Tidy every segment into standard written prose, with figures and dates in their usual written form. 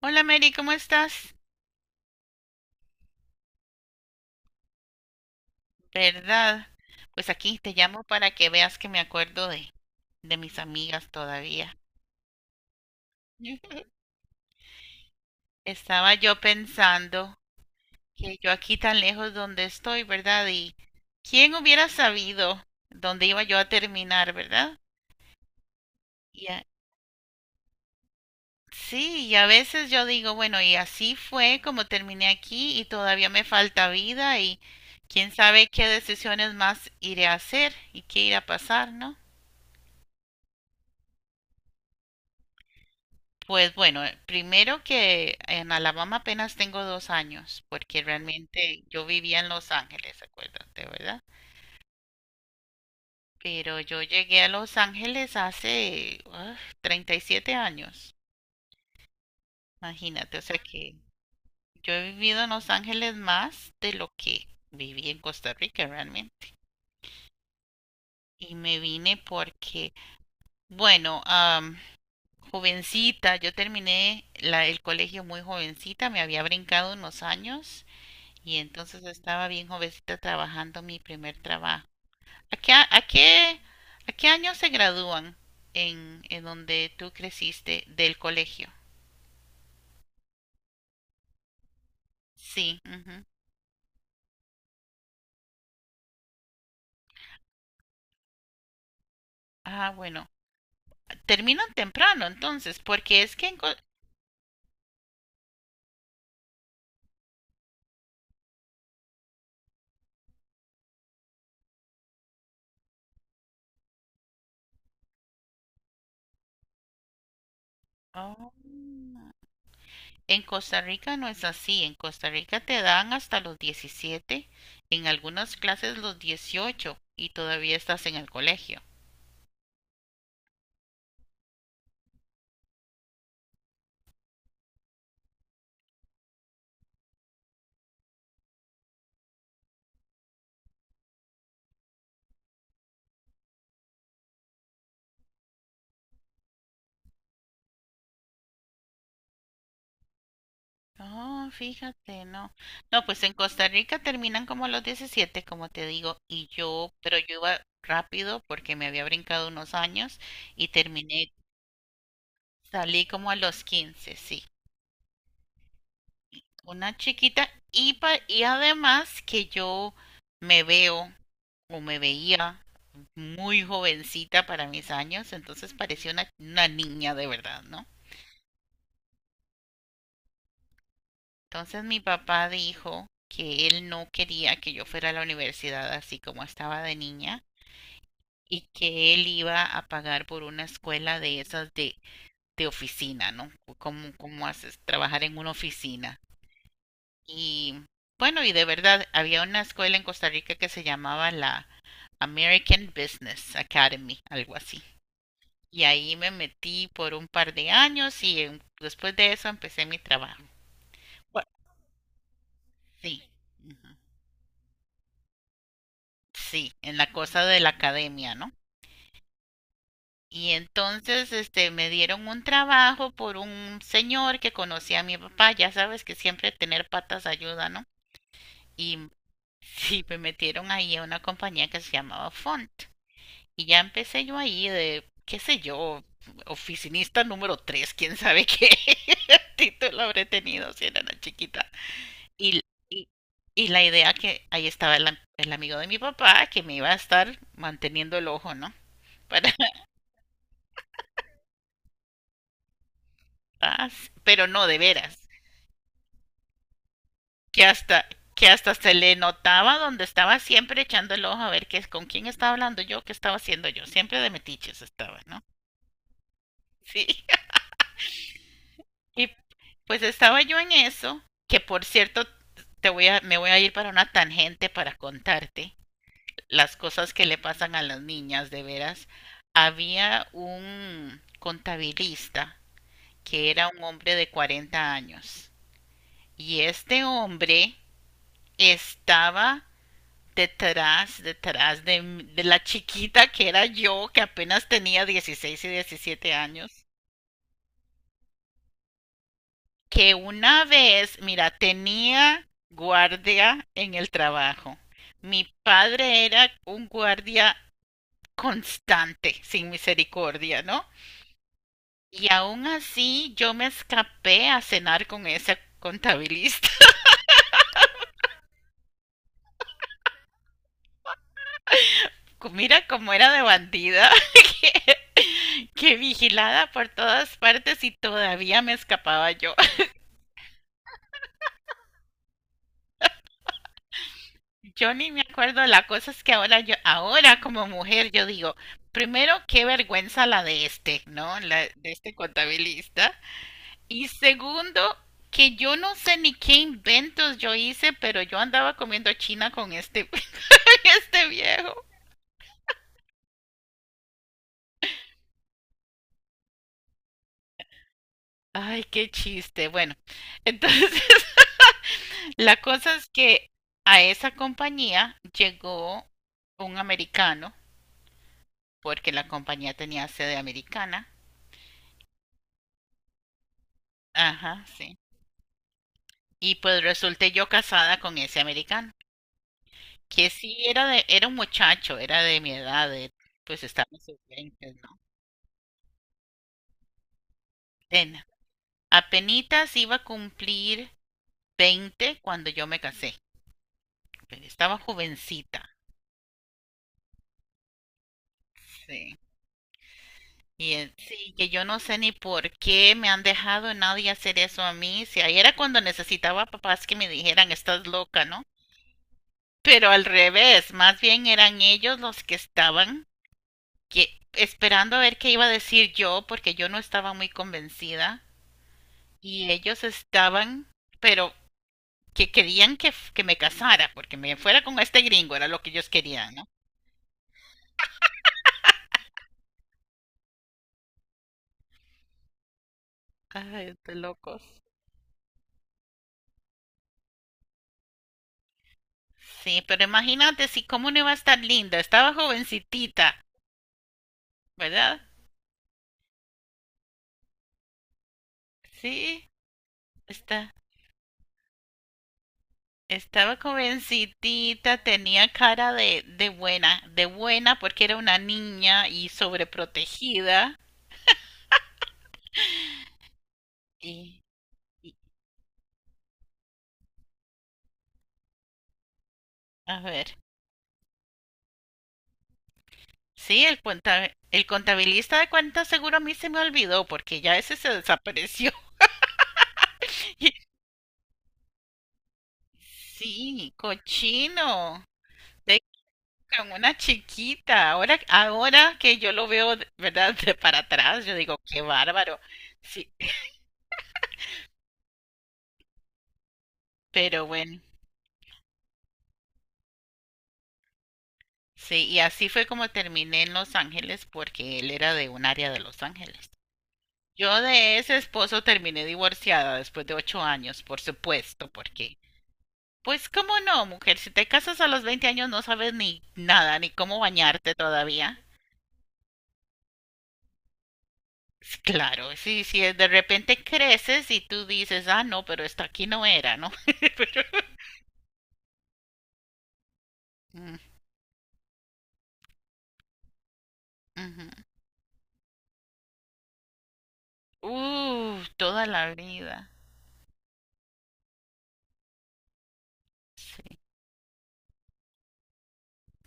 Hola Mary, ¿cómo estás? ¿Verdad? Pues aquí te llamo para que veas que me acuerdo de mis amigas todavía. Estaba yo pensando que yo aquí tan lejos donde estoy, ¿verdad? Y quién hubiera sabido dónde iba yo a terminar, ¿verdad? Y a- sí, y a veces yo digo, bueno, y así fue como terminé aquí y todavía me falta vida y quién sabe qué decisiones más iré a hacer y qué irá a pasar, ¿no? Pues bueno, primero que en Alabama apenas tengo dos años, porque realmente yo vivía en Los Ángeles, acuérdate, ¿verdad? Pero yo llegué a Los Ángeles hace 37 años, imagínate, o sea que yo he vivido en Los Ángeles más de lo que viví en Costa Rica realmente. Y me vine porque, bueno, jovencita, yo terminé el colegio muy jovencita, me había brincado unos años. Y entonces estaba bien jovencita trabajando mi primer trabajo. ¿A qué, a qué, a qué año se gradúan en donde tú creciste del colegio? Sí, ujú. Ah, bueno. Terminan temprano entonces, porque es que en, Oh. En Costa Rica no es así. En Costa Rica te dan hasta los 17, en algunas clases los 18, y todavía estás en el colegio. No, fíjate, no. No, pues en Costa Rica terminan como a los 17 como te digo, y yo, pero yo iba rápido porque me había brincado unos años y terminé, salí como a los 15, sí, una chiquita y, y además que yo me veo o me veía muy jovencita para mis años, entonces parecía una niña de verdad, ¿no? Entonces mi papá dijo que él no quería que yo fuera a la universidad así como estaba de niña, y que él iba a pagar por una escuela de esas de oficina, ¿no? ¿Cómo, cómo haces trabajar en una oficina? Y bueno, y de verdad, había una escuela en Costa Rica que se llamaba la American Business Academy, algo así. Y ahí me metí por un par de años y después de eso empecé mi trabajo. Bueno. Sí, ujú. Sí, en la cosa de la academia, ¿no? Y entonces, este, me dieron un trabajo por un señor que conocía a mi papá, ya sabes que siempre tener patas ayuda, ¿no? Y sí, me metieron ahí a una compañía que se llamaba Font. Y ya empecé yo ahí de, qué sé yo, oficinista número tres, quién sabe qué título habré tenido si era una chiquita. Y, y, y la idea que ahí estaba el amigo de mi papá que me iba a estar manteniendo el ojo, ¿no? Para, pero no de veras. Que hasta, que hasta se le notaba donde estaba siempre echando el ojo a ver qué es con quién estaba hablando yo, qué estaba haciendo yo, siempre de metiches estaba, ¿no? Sí. Y pues estaba yo en eso, que por cierto te voy a me voy a ir para una tangente para contarte las cosas que le pasan a las niñas de veras. Había un contabilista que era un hombre de 40 años y este hombre estaba detrás de la chiquita que era yo, que apenas tenía 16 y 17 años, que una vez, mira, tenía guardia en el trabajo. Mi padre era un guardia constante, sin misericordia, ¿no? Y aún así yo me escapé a cenar con esa contabilista. Mira cómo era de bandida. que que vigilada por todas partes y todavía me escapaba yo. Yo ni me acuerdo, la cosa es que ahora yo, ahora como mujer, yo digo, primero, qué vergüenza la de este, ¿no? La de este contabilista. Y segundo, que yo no sé ni qué inventos yo hice, pero yo andaba comiendo china con este, este viejo. Ay, qué chiste. Bueno, entonces, la cosa es que a esa compañía llegó un americano, porque la compañía tenía sede americana. Ajá, sí. Y pues resulté yo casada con ese americano, que sí era de, era un muchacho, era de mi edad, pues estaba en sus 20, ¿no? Ten- Apenitas iba a cumplir 20 cuando yo me casé. Pero estaba jovencita, sí. Y sí, que yo no sé ni por qué me han dejado nadie hacer eso a mí. Si ahí era cuando necesitaba papás que me dijeran, estás loca, ¿no? Pero al revés, más bien eran ellos los que estaban esperando a ver qué iba a decir yo, porque yo no estaba muy convencida y ellos estaban, pero que querían que, que me casara, porque me fuera con este gringo, era lo que ellos querían, ¿no? Ay, de locos. Sí, pero imagínate si cómo no iba a estar linda, estaba jovencitita, ¿verdad? Sí, está, estaba jovencitita, tenía cara de buena porque era una niña y sobreprotegida. Y, y- a ver, sí, el contabilista de cuentas seguro a mí se me olvidó porque ya ese se desapareció. Sí, cochino. De con una chiquita. Ahora, ahora que yo lo veo, ¿verdad? De para atrás, yo digo, qué bárbaro. Sí, pero bueno, sí, y así fue como terminé en Los Ángeles porque él era de un área de Los Ángeles. Yo de ese esposo terminé divorciada después de 8 años, por supuesto, porque pues cómo no, mujer, si te casas a los 20 años no sabes ni nada, ni cómo bañarte todavía. Claro, sí, sí. De repente creces y tú dices, ah, no, pero esto aquí no era, ¿no? Pero mm, ujú. Toda la vida.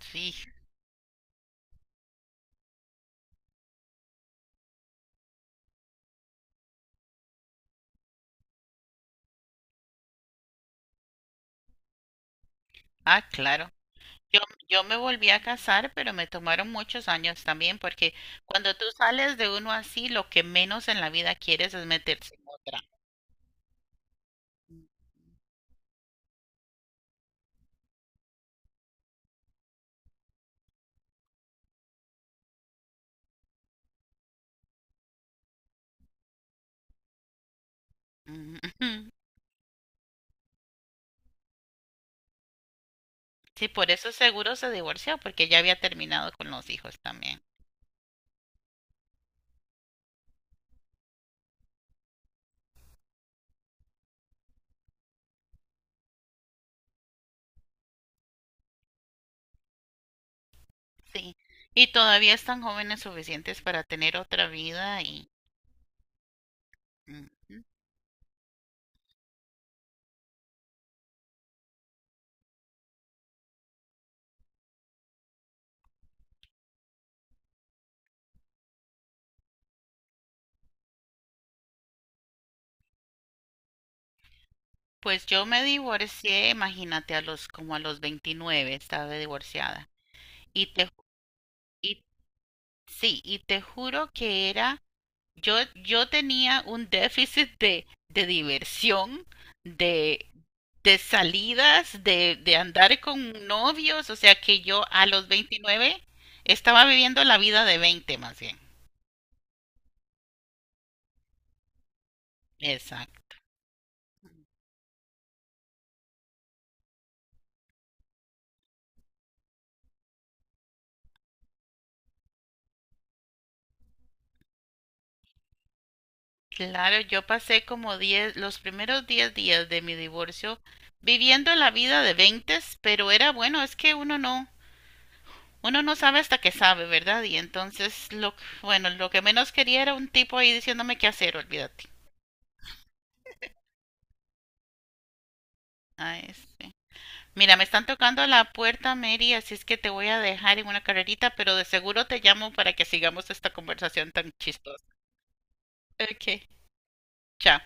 Sí, ah, claro. Yo, yo me volví a casar, pero me tomaron muchos años también, porque cuando tú sales de uno así, lo que menos en la vida quieres es meterse en otra. Ujú. Sí, por eso seguro se divorció, porque ya había terminado con los hijos también. Sí. Y todavía están jóvenes suficientes para tener otra vida y... ujú. Pues yo me divorcié, imagínate, a los, como a los 29 estaba divorciada. Y te, ju- y sí, y te juro que era, yo tenía un déficit de diversión, de de salidas, de andar con novios, o sea que yo a los 29 estaba viviendo la vida de 20 más bien. Exacto. Claro, yo pasé como diez, los primeros 10 días de mi divorcio viviendo la vida de 20, pero era bueno, es que uno no sabe hasta que sabe, ¿verdad? Y entonces, lo, bueno, lo que menos quería era un tipo ahí diciéndome qué hacer, olvídate. Ah, es- Mira, me están tocando la puerta, Mary, así es que te voy a dejar en una carrerita, pero de seguro te llamo para que sigamos esta conversación tan chistosa. Ok, chao.